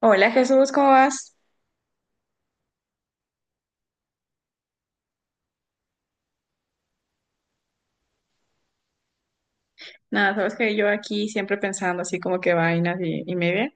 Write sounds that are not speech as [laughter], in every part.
Hola Jesús, ¿cómo vas? Nada, sabes que yo aquí siempre pensando así como que vainas y media,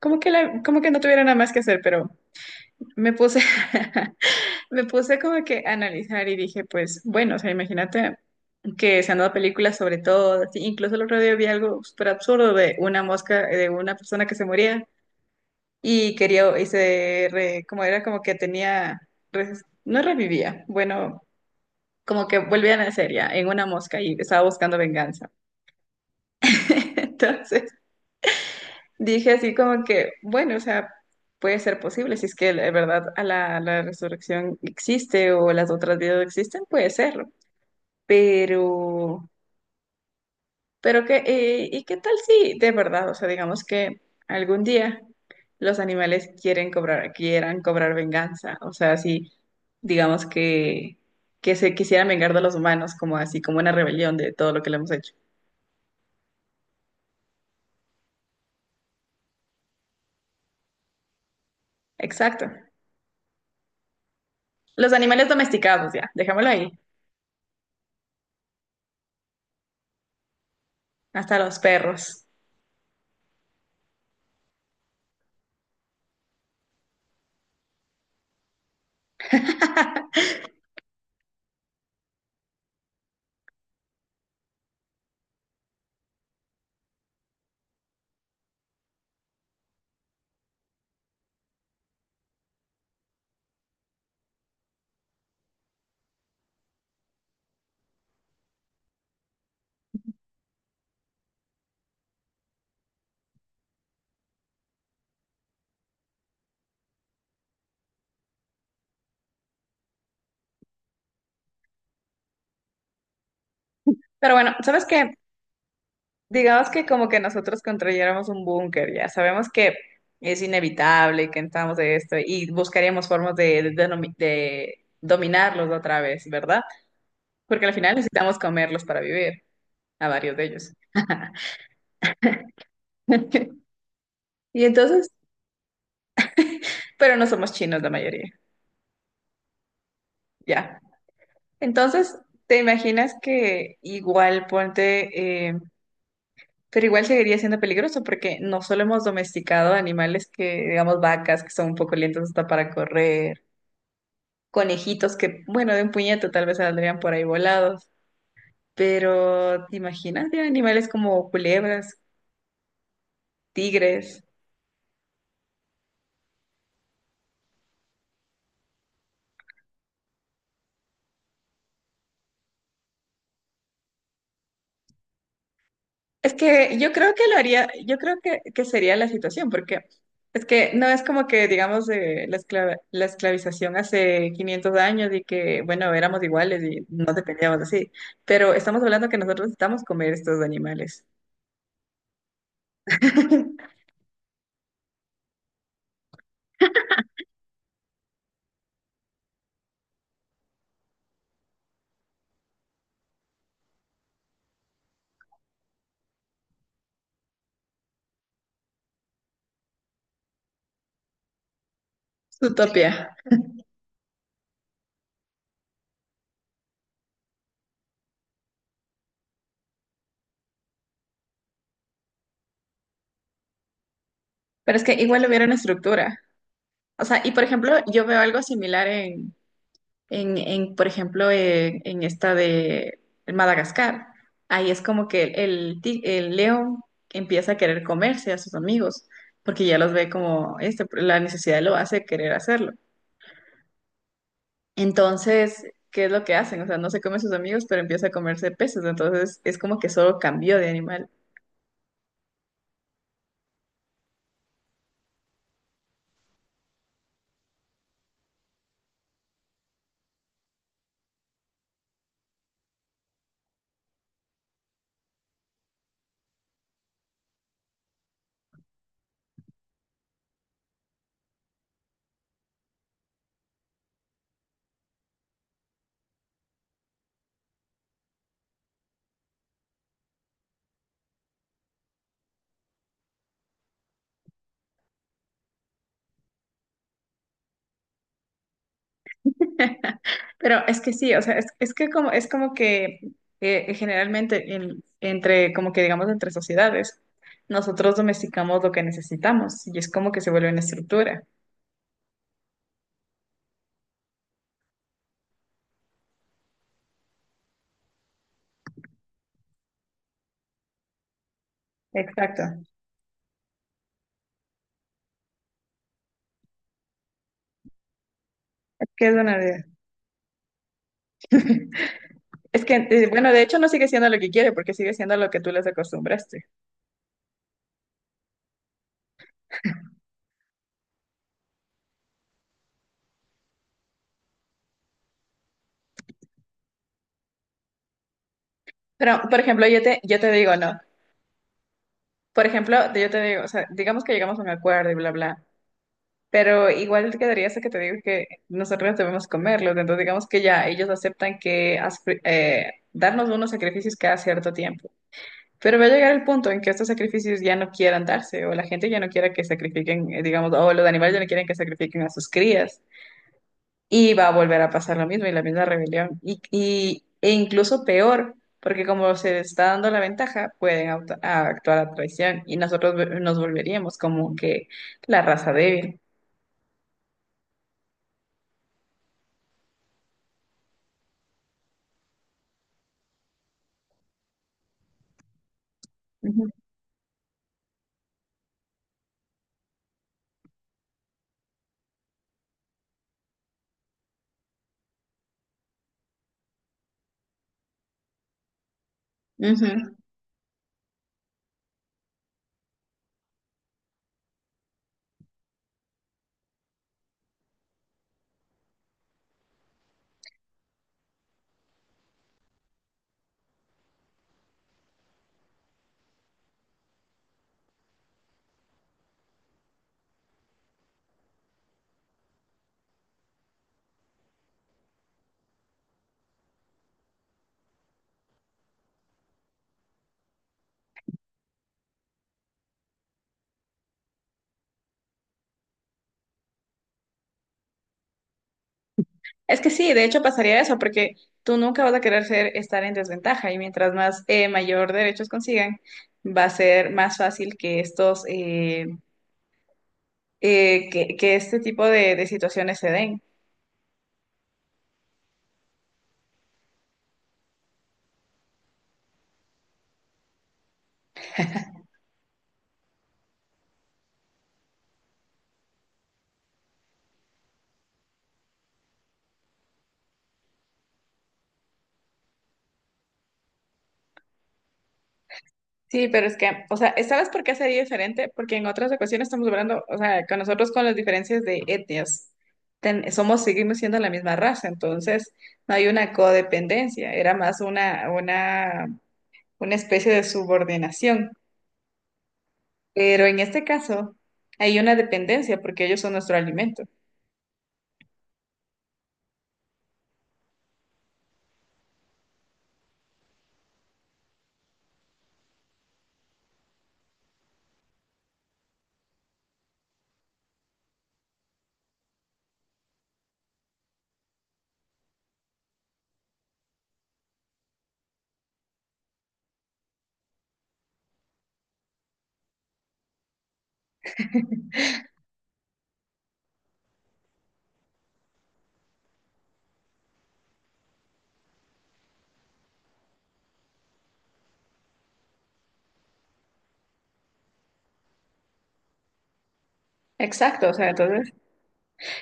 como que no tuviera nada más que hacer, pero me puse, [laughs] me puse como que a analizar y dije, pues bueno, o sea, imagínate que se han dado películas sobre todo, así, incluso el otro día vi algo súper absurdo de una mosca, de una persona que se moría y quería, y se, re- como era como que tenía, no revivía, bueno, como que volvía a nacer ya en una mosca y estaba buscando venganza. [laughs] Entonces dije así como que, bueno, o sea, puede ser posible, si es que de verdad a la resurrección existe o las otras vidas existen, puede serlo. Pero, pero que, ¿y qué tal si de verdad, o sea, digamos que algún día los animales quieren cobrar, quieran cobrar venganza, o sea, si digamos que se quisieran vengar de los humanos, como así, como una rebelión de todo lo que le hemos hecho. Exacto. Los animales domesticados, ya, dejémoslo ahí. Hasta los perros. [laughs] Pero bueno, ¿sabes qué? Digamos que como que nosotros construyéramos un búnker, ya sabemos que es inevitable que entramos de esto y buscaríamos formas de dominarlos otra vez, ¿verdad? Porque al final necesitamos comerlos para vivir, a varios de ellos. [laughs] Y entonces, pero no somos chinos la mayoría, ya. Entonces, ¿te imaginas que igual ponte. Pero igual seguiría siendo peligroso porque no solo hemos domesticado animales que, digamos, vacas que son un poco lentas hasta para correr, conejitos que, bueno, de un puñete tal vez saldrían por ahí volados, pero ¿te imaginas de animales como culebras, tigres? Es que yo creo que lo haría, yo creo que sería la situación porque es que no es como que, digamos, la esclavización hace 500 años y que, bueno, éramos iguales y no dependíamos así, pero estamos hablando que nosotros necesitamos comer estos animales. [laughs] Utopía. Pero es que igual hubiera una estructura. O sea, y por ejemplo, yo veo algo similar en, por ejemplo, en esta de Madagascar. Ahí es como que el león empieza a querer comerse a sus amigos, porque ya los ve como este, la necesidad lo hace querer hacerlo. Entonces, ¿qué es lo que hacen? O sea, no se come a sus amigos, pero empieza a comerse peces. Entonces, es como que solo cambió de animal. [laughs] Pero es que sí, o sea, es que como, es como que generalmente entre, como que digamos, entre sociedades, nosotros domesticamos lo que necesitamos y es como que se vuelve una estructura. Exacto. Es que es una idea. [laughs] Es que, bueno, de hecho no sigue siendo lo que quiere porque sigue siendo lo que tú les acostumbraste. Pero, por ejemplo, yo te digo, no. Por ejemplo, yo te digo, o sea, digamos que llegamos a un acuerdo y bla, bla. Pero igual quedaría eso que te digo que nosotros debemos comerlos, entonces digamos que ya ellos aceptan que darnos unos sacrificios cada cierto tiempo. Pero va a llegar el punto en que estos sacrificios ya no quieran darse, o la gente ya no quiera que sacrifiquen, digamos, o los animales ya no quieren que sacrifiquen a sus crías. Y va a volver a pasar lo mismo y la misma rebelión. E incluso peor, porque como se está dando la ventaja, pueden actuar a traición y nosotros nos volveríamos como que la raza débil. Ujú. Ujú. Es que sí, de hecho pasaría eso, porque tú nunca vas a querer ser, estar en desventaja y mientras más mayor derechos consigan, va a ser más fácil que estos, que este tipo de situaciones se den. Sí, pero es que, o sea, ¿sabes por qué sería diferente? Porque en otras ocasiones estamos hablando, o sea, con nosotros con las diferencias de etnias, seguimos siendo la misma raza, entonces no hay una codependencia, era más una, una especie de subordinación. Pero en este caso hay una dependencia porque ellos son nuestro alimento. Exacto, o sea, entonces.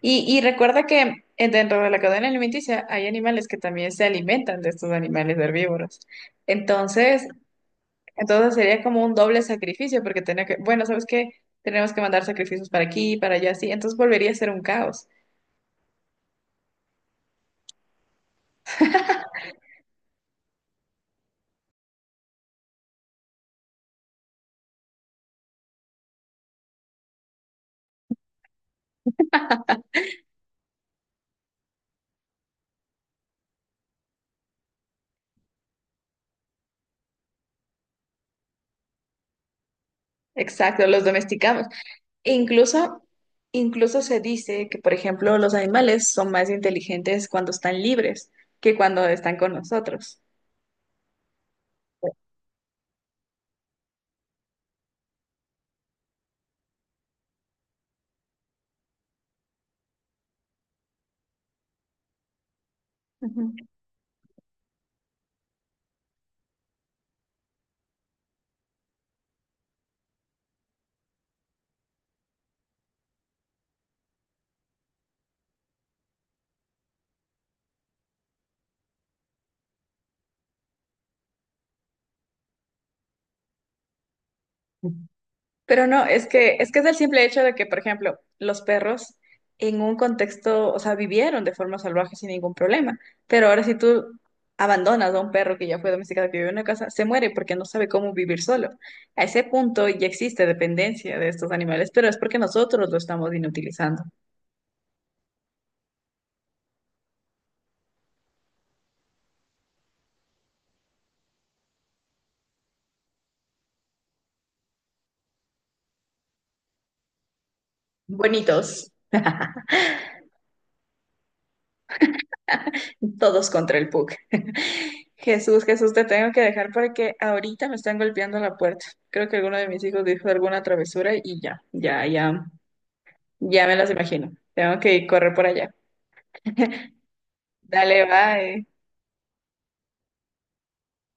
Y recuerda que dentro de la cadena alimenticia hay animales que también se alimentan de estos animales herbívoros. Entonces, entonces sería como un doble sacrificio porque tenía que, bueno, ¿sabes qué? Tenemos que mandar sacrificios para aquí, para allá, sí. Entonces volvería a ser un caos. Exacto, los domesticamos. E incluso se dice que, por ejemplo, los animales son más inteligentes cuando están libres que cuando están con nosotros. Ujú. Pero no, es que es el simple hecho de que, por ejemplo, los perros en un contexto, o sea, vivieron de forma salvaje sin ningún problema. Pero ahora si tú abandonas a un perro que ya fue domesticado, que vive en una casa, se muere porque no sabe cómo vivir solo. A ese punto ya existe dependencia de estos animales, pero es porque nosotros lo estamos inutilizando. Bonitos. Todos contra el PUC. [laughs] Jesús, Jesús, te tengo que dejar porque ahorita me están golpeando la puerta. Creo que alguno de mis hijos dijo alguna travesura y ya, ya, ya, ya me las imagino. Tengo que correr por allá. Dale, bye.